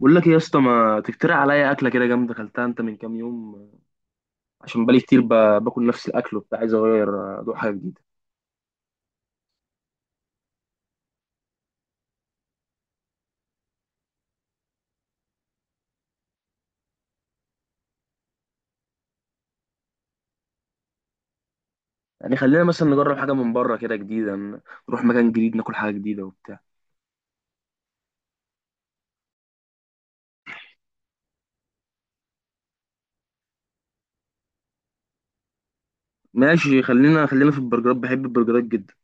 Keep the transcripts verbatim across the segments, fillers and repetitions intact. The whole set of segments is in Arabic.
بقول لك ايه يا اسطى؟ ما تقترح عليا اكله كده جامده اكلتها انت من كام يوم؟ عشان بقالي كتير ب- باكل نفس الاكل وبتاع، عايز اغير، آه، ادوق حاجه جديده. يعني خلينا مثلا نجرب حاجه من بره كده جديده، ن- نروح مكان جديد ناكل حاجه جديده وبتاع. ماشي، خلينا خلينا في البرجرات، بحب البرجرات جدا.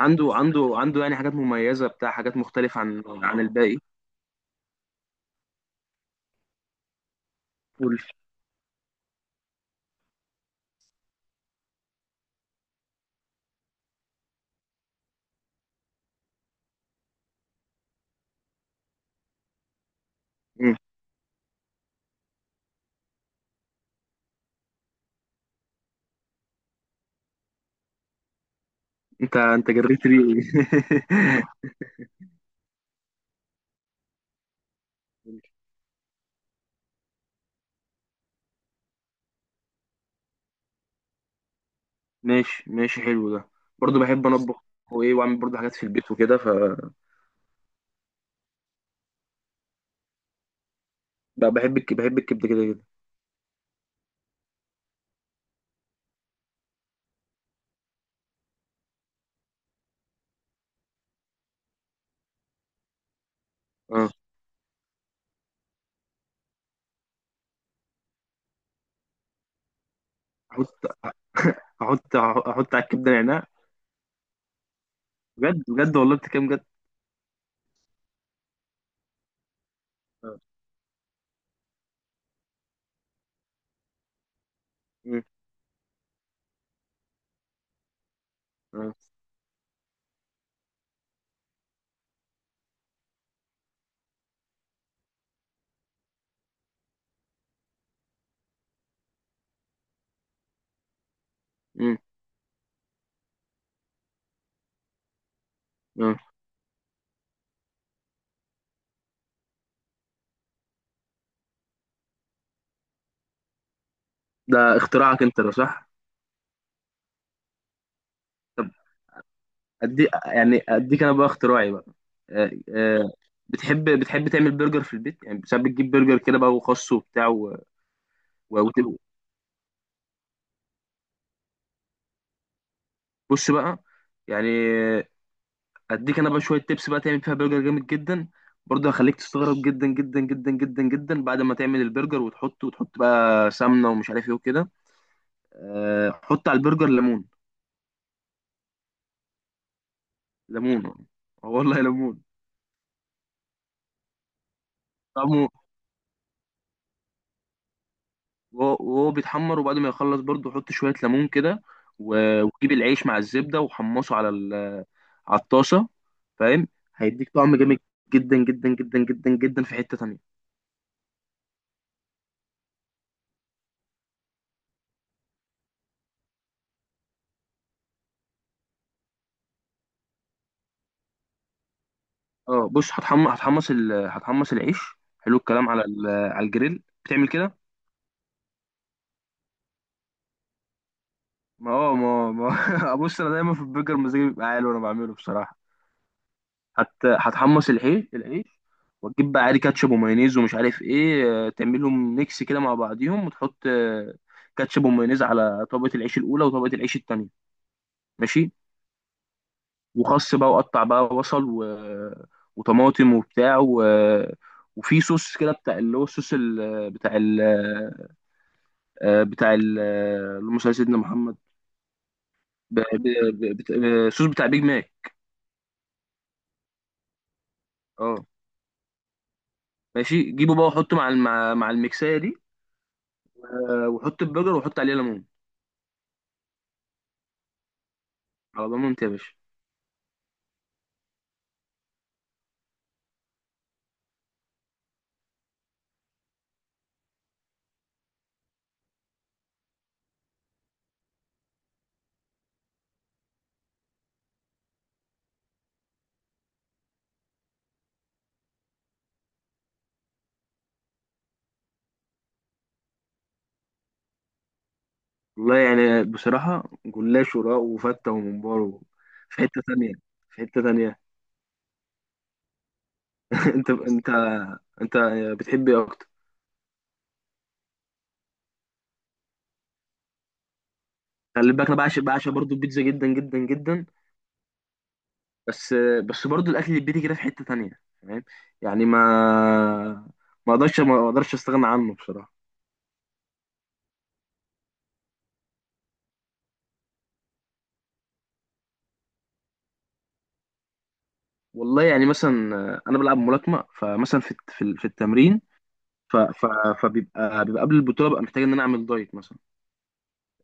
عنده عنده عنده يعني حاجات مميزه بتاع، حاجات مختلفه عن عن الباقي. قول. مم. انت انت جريت لي ماشي ماشي، حلو ده. برضه بحب انا اطبخ وايه، واعمل برضه حاجات في البيت وكده ف. بحب الك- بحب الكبده كده كده. آه. احط، احط احط على الكبده نعناع. بجد بجد والله بتتكلم بجد. آه. مم. آه. مم. آه. ده اختراعك انت ده، صح؟ طب ادي يعني، اديك انا بقى اختراعي بقى. آه. آه. بتحب بتحب تعمل برجر في البيت؟ يعني ساعات بتجيب برجر كده بقى وخس وبتاع و... و... وت- بص بقى، يعني اديك انا بقى شويه تبس بقى تعمل فيها برجر جامد جدا. برضه هخليك تستغرب جدا جدا جدا جدا جدا. بعد ما تعمل البرجر وتحطه وتحط بقى سمنه ومش عارف ايه وكده، آه، حط على البرجر ليمون. ليمون؟ اه والله ليمون. طعمه، وهو وهو بيتحمر، وبعد ما يخلص برضه حط شوية ليمون كده. و- وجيب العيش مع الزبدة وحمصه على ال- على الطاسة، فاهم؟ هيديك طعم جامد جدا جدا جدا جدا جدا. في حتة تانية، اه بص، هتحمص، هتحمص ال... هتحمص العيش. حلو، الكلام على ال... على الجريل بتعمل كده. ما اه ما ما بص انا دايما في البرجر مزاجي بيبقى عالي وانا بعمله بصراحة. هت... هتحمص العيش العيش، وتجيب بقى عادي كاتشب ومايونيز ومش عارف ايه، آه، تعملهم ميكس كده مع بعضيهم، وتحط آه، كاتشب ومايونيز على طبقة العيش الأولى وطبقة العيش التانية. ماشي. وخس بقى وقطع بقى بصل و... وطماطم وبتاع و... وفي صوص كده بتاع، اللي هو الصوص ال... بتاع ال... آه، بتاع ال... آه، اللهم صل على سيدنا محمد. ب... ب... ب... بت... آه، صوص بتاع بيج ماك. اه. ماشي، جيبه بقى وحطه مع الم- مع مع الميكسايه دي. آه، وحط البرجر وحط عليه ليمون. على ضمانتي يا باشا. والله يعني بصراحة، جلاش وراء وفتة وممبار، في حتة تانية، في حتة تانية. انت انت انت بتحب ايه اكتر؟ خلي بالك، انا بعشق، بعشق برضو البيتزا جدا جدا جدا. بس بس برضو الاكل البيتي كده في حتة تانية، فاهم؟ يعني ما ما اقدرش ما اقدرش استغنى عنه بصراحة. والله يعني مثلا، انا بلعب ملاكمة، فمثلا في الت- في ال- في التمرين. ف ف فبيبقى، بيبقى قبل البطولة ببقى محتاج ان انا اعمل دايت مثلا.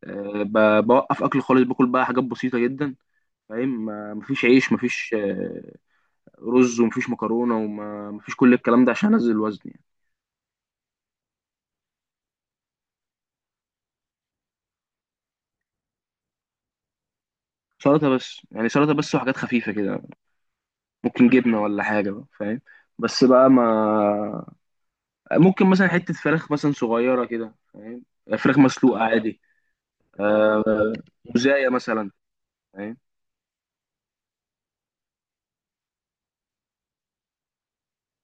آه، ب- بوقف اكل خالص، باكل بقى حاجات بسيطه جدا، فاهم؟ ما- مفيش عيش، مفيش آه، رز، ومفيش مكرونه، ومفيش كل الكلام ده، عشان انزل الوزن يعني. سلطه بس يعني، سلطه بس وحاجات خفيفه كده. ممكن جبنه ولا حاجه بقى، فاهم؟ بس بقى ما ممكن مثلا حته فراخ مثلا صغيره كده، فاهم؟ فراخ مسلوقه عادي. آه، مزايا مثلا، فاهم.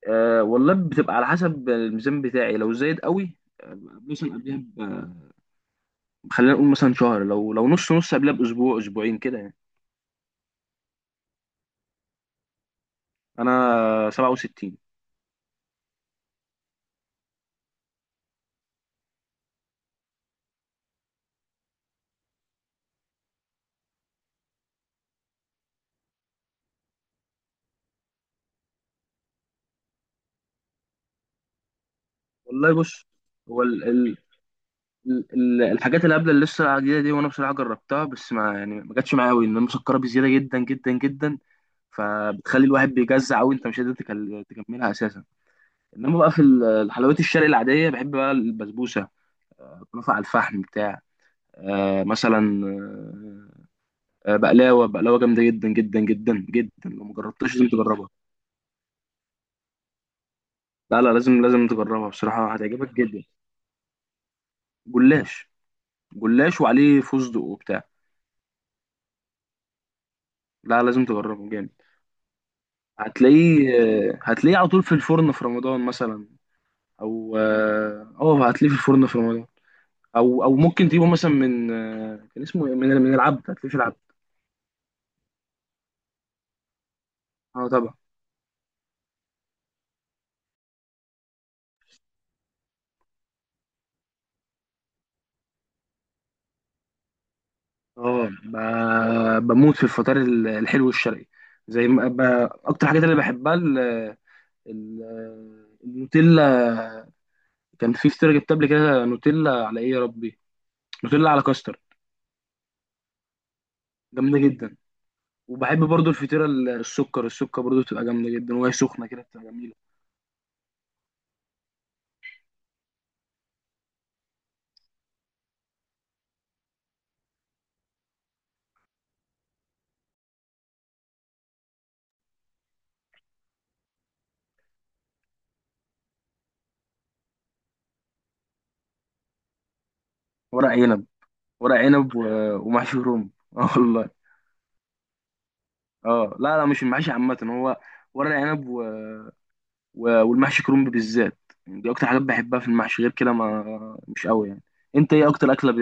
أه والله بتبقى على حسب الميزان بتاعي، لو زايد قوي آه، مثلا قبلها. خلينا نقول مثلا شهر، لو لو نص نص قبلها باسبوع، اسبوعين كده يعني. انا سبعة وستين. والله بص، هو ال ال ال ال- الحاجات اللي قبل، اللي لسه العاديه دي، وانا بصراحه جربتها بس، ما يعني، ما جاتش معايا قوي، ان انا مسكره بزياده جدا جدا جدا. فبتخلي الواحد بيجزع قوي، انت مش قادر تكل- تكملها اساسا. انما بقى في ال- الحلويات الشرقي العاديه، بحب بقى البسبوسه، كنافه على الفحم بتاع. آه مثلا، آه آه، بقلاوه، بقلاوه جامده جدا جدا جدا جدا، لو ما جربتهاش لازم تجربها. لا لا لازم لازم تجربها بصراحة، هتعجبك جدا. جلاش، جلاش وعليه فستق وبتاع. لا لازم تجربه، جامد. هتلاقيه هتلاقيه على طول في الفرن في رمضان مثلا. او اه أه، هتلاقيه في الفرن في رمضان. او او ممكن تجيبه مثلا من، آه، كان اسمه إيه؟ من من العبد، هتلاقيه في العبد. اه طبعا. اه ب- بموت في الفطار ال- الحلو الشرقي، زي ما ب... اكتر حاجات اللي بحبها ال... ال... النوتيلا. كان في فطيرة جبت قبل كده نوتيلا على، ايه يا ربي، نوتيلا على كاستر، جامده جدا. وبحب برضو الفطيره ال- السكر، السكر برضو بتبقى جامده جدا، وهي سخنه كده بتبقى جميله. ورق عنب، ورق عنب و... ومحشي كروم اه والله. اه لا لا، مش المحشي عامه هو، ورق عنب و... و... والمحشي كرومب بالذات، يعني دي اكتر حاجات بحبها في المحشي، غير كده ما مش قوي يعني. انت ايه اكتر اكله ب...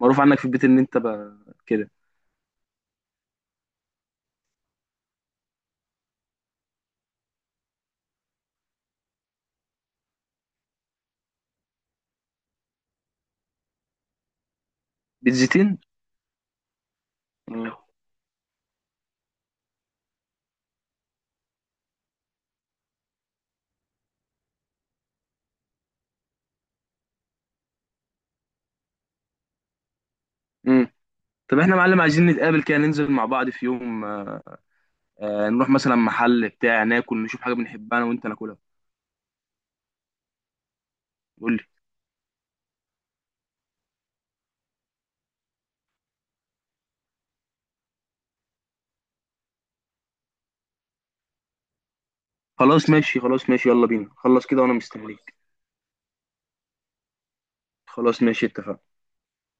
معروف عنك في البيت ان انت ب... كده؟ بيتزيتين. امم. طب احنا يا معلم عايزين نتقابل كده، ننزل مع بعض في يوم، آه، آه نروح مثلا محل بتاع، ناكل نشوف حاجه بنحبها انا وانت ناكلها. قول لي. خلاص ماشي، خلاص ماشي، يلا بينا، خلص كده وانا مستنيك. خلاص ماشي، اتفقنا.